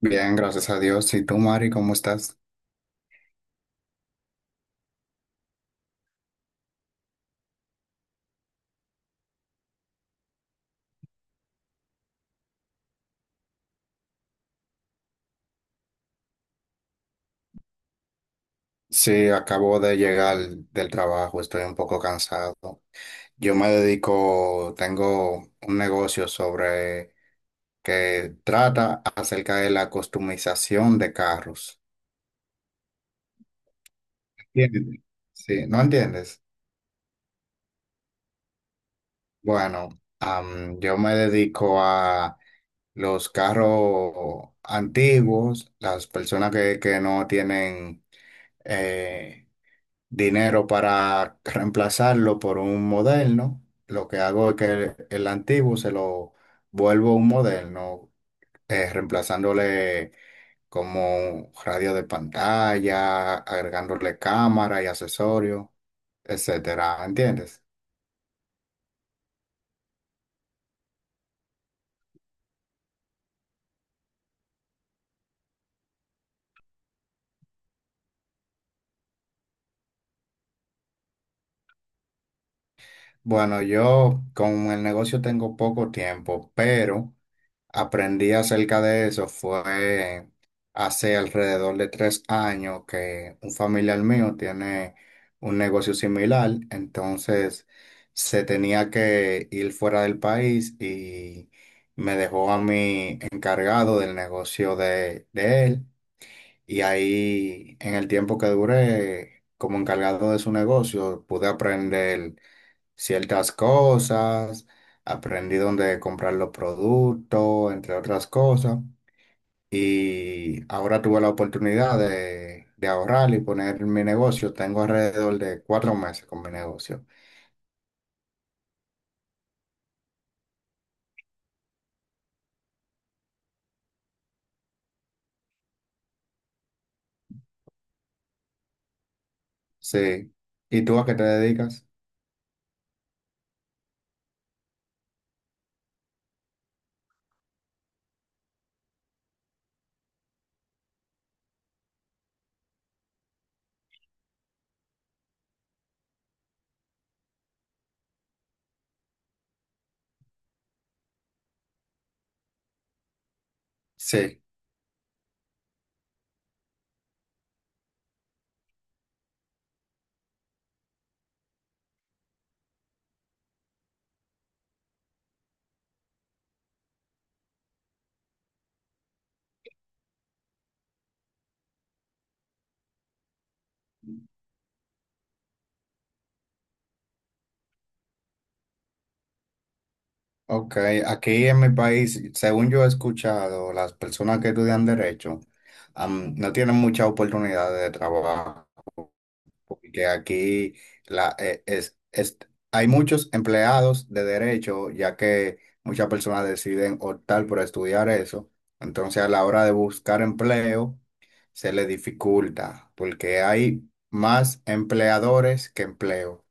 Bien, gracias a Dios. ¿Y tú, Mari, cómo estás? Sí, acabo de llegar del trabajo, estoy un poco cansado. Yo me dedico, tengo un negocio sobre que trata acerca de la customización de carros. ¿Entiendes? Sí, ¿no entiendes? Bueno, yo me dedico a los carros antiguos, las personas que no tienen eh, dinero para reemplazarlo por un moderno. Lo que hago es que el antiguo se lo vuelvo un moderno, reemplazándole como radio de pantalla, agregándole cámara y accesorios, etcétera. ¿Entiendes? Bueno, yo con el negocio tengo poco tiempo, pero aprendí acerca de eso fue hace alrededor de 3 años, que un familiar mío tiene un negocio similar. Entonces, se tenía que ir fuera del país y me dejó a mí encargado del negocio de él, y ahí en el tiempo que duré como encargado de su negocio pude aprender ciertas cosas, aprendí dónde comprar los productos, entre otras cosas. Y ahora tuve la oportunidad de ahorrar y poner mi negocio. Tengo alrededor de 4 meses con mi negocio. Sí. ¿Y tú a qué te dedicas? Sí. Ok, aquí en mi país, según yo he escuchado, las personas que estudian derecho, no tienen muchas oportunidades de trabajo, porque aquí la, eh, es, es- hay muchos empleados de derecho, ya que muchas personas deciden optar por estudiar eso. Entonces, a la hora de buscar empleo, se le dificulta, porque hay más empleadores que empleo.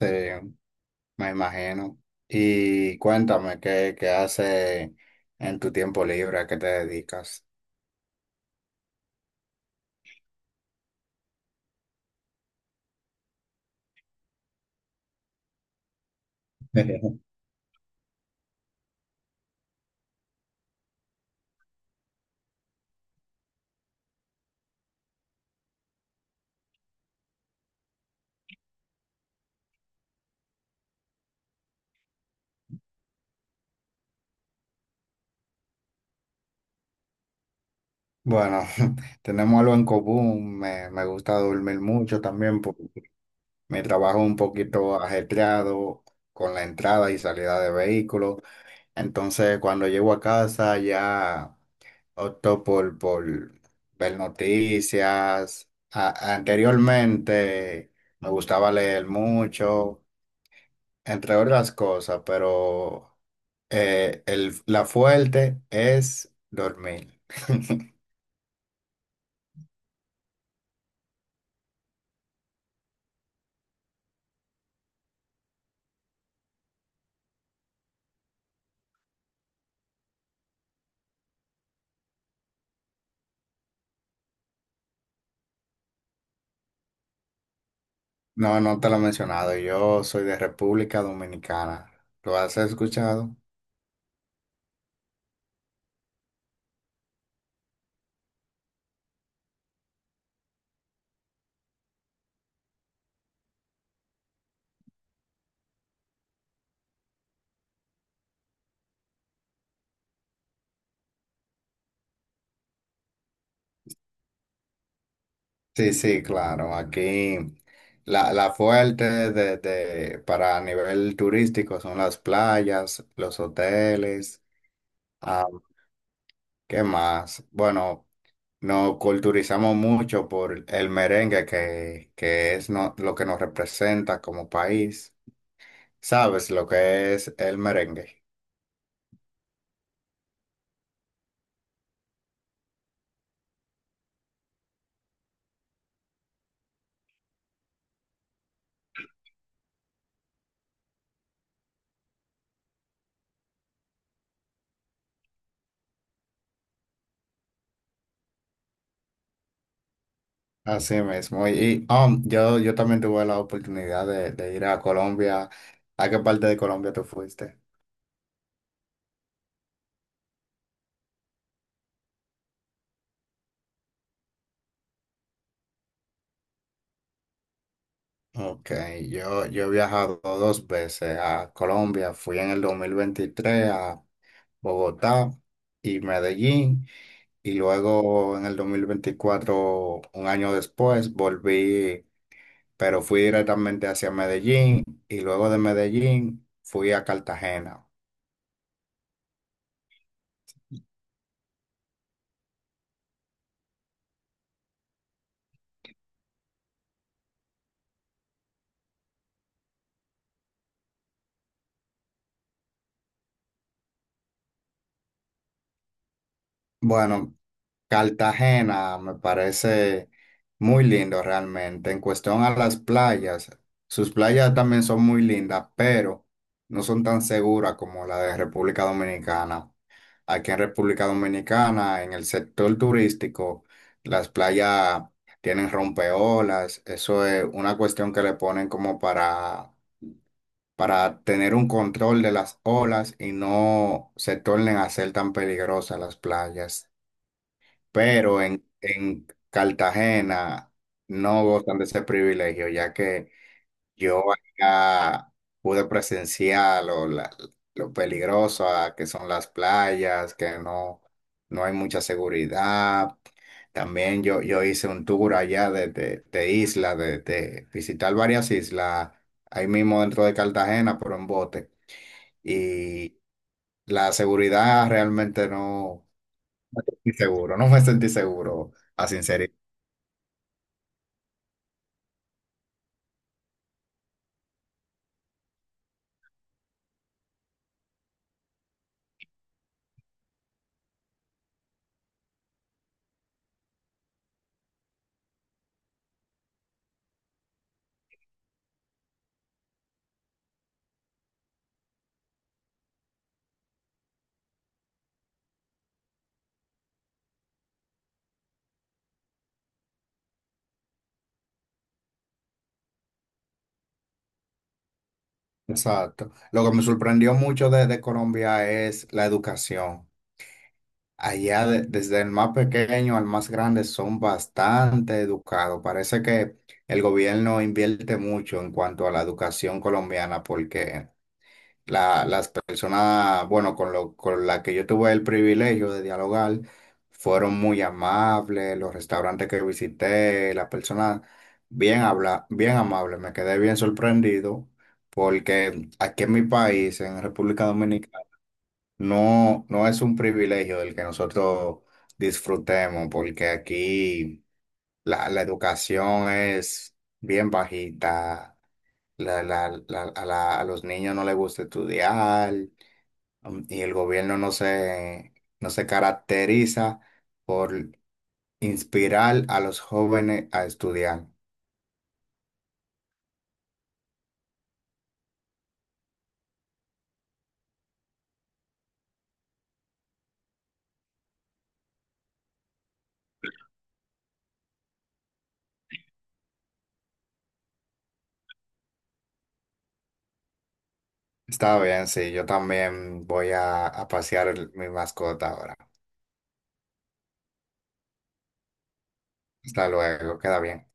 Eh, me imagino. Y cuéntame, ¿qué haces en tu tiempo libre? ¿A qué te dedicas? Bueno, tenemos algo en común. Me gusta dormir mucho también. Mi trabajo es un poquito ajetreado con la entrada y salida de vehículos. Entonces, cuando llego a casa, ya opto por ver noticias. Anteriormente me gustaba leer mucho, entre otras cosas, pero la fuerte es dormir. No, no te lo he mencionado. Yo soy de República Dominicana. ¿Lo has escuchado? Sí, sí, claro. Aquí la fuerte para nivel turístico son las playas, los hoteles. Ah, ¿qué más? Bueno, nos culturizamos mucho por el merengue que es lo que nos representa como país. ¿Sabes lo que es el merengue? Así mismo. Y, yo también tuve la oportunidad de ir a Colombia. ¿A qué parte de Colombia tú fuiste? Ok, yo he viajado dos veces a Colombia. Fui en el 2023 a Bogotá y Medellín, y luego, en el 2024, un año después, volví, pero fui directamente hacia Medellín, y luego de Medellín fui a Cartagena. Bueno, Cartagena me parece muy lindo realmente. En cuestión a las playas, sus playas también son muy lindas, pero no son tan seguras como la de República Dominicana. Aquí en República Dominicana, en el sector turístico, las playas tienen rompeolas. Eso es una cuestión que le ponen como para tener un control de las olas y no se tornen a ser tan peligrosas las playas, pero en Cartagena no gozan de ese privilegio, ya que yo allá pude presenciar lo peligroso que son las playas, que no, no hay mucha seguridad. También yo hice un tour allá de isla, de visitar varias islas, ahí mismo dentro de Cartagena, pero en bote. Y la seguridad realmente no, seguro, no me sentí seguro, a sinceridad. Exacto. Lo que me sorprendió mucho de Colombia es la educación. Allá, desde el más pequeño al más grande, son bastante educados. Parece que el gobierno invierte mucho en cuanto a la educación colombiana, porque las personas, bueno, con la que yo tuve el privilegio de dialogar, fueron muy amables. Los restaurantes que visité, las personas bien amables. Me quedé bien sorprendido, porque aquí en mi país, en República Dominicana, no, no es un privilegio el que nosotros disfrutemos, porque aquí la educación es bien bajita, a los niños no les gusta estudiar, y el gobierno no se, no se caracteriza por inspirar a los jóvenes a estudiar. Está bien, sí, yo también voy a pasear mi mascota ahora. Hasta luego, queda bien.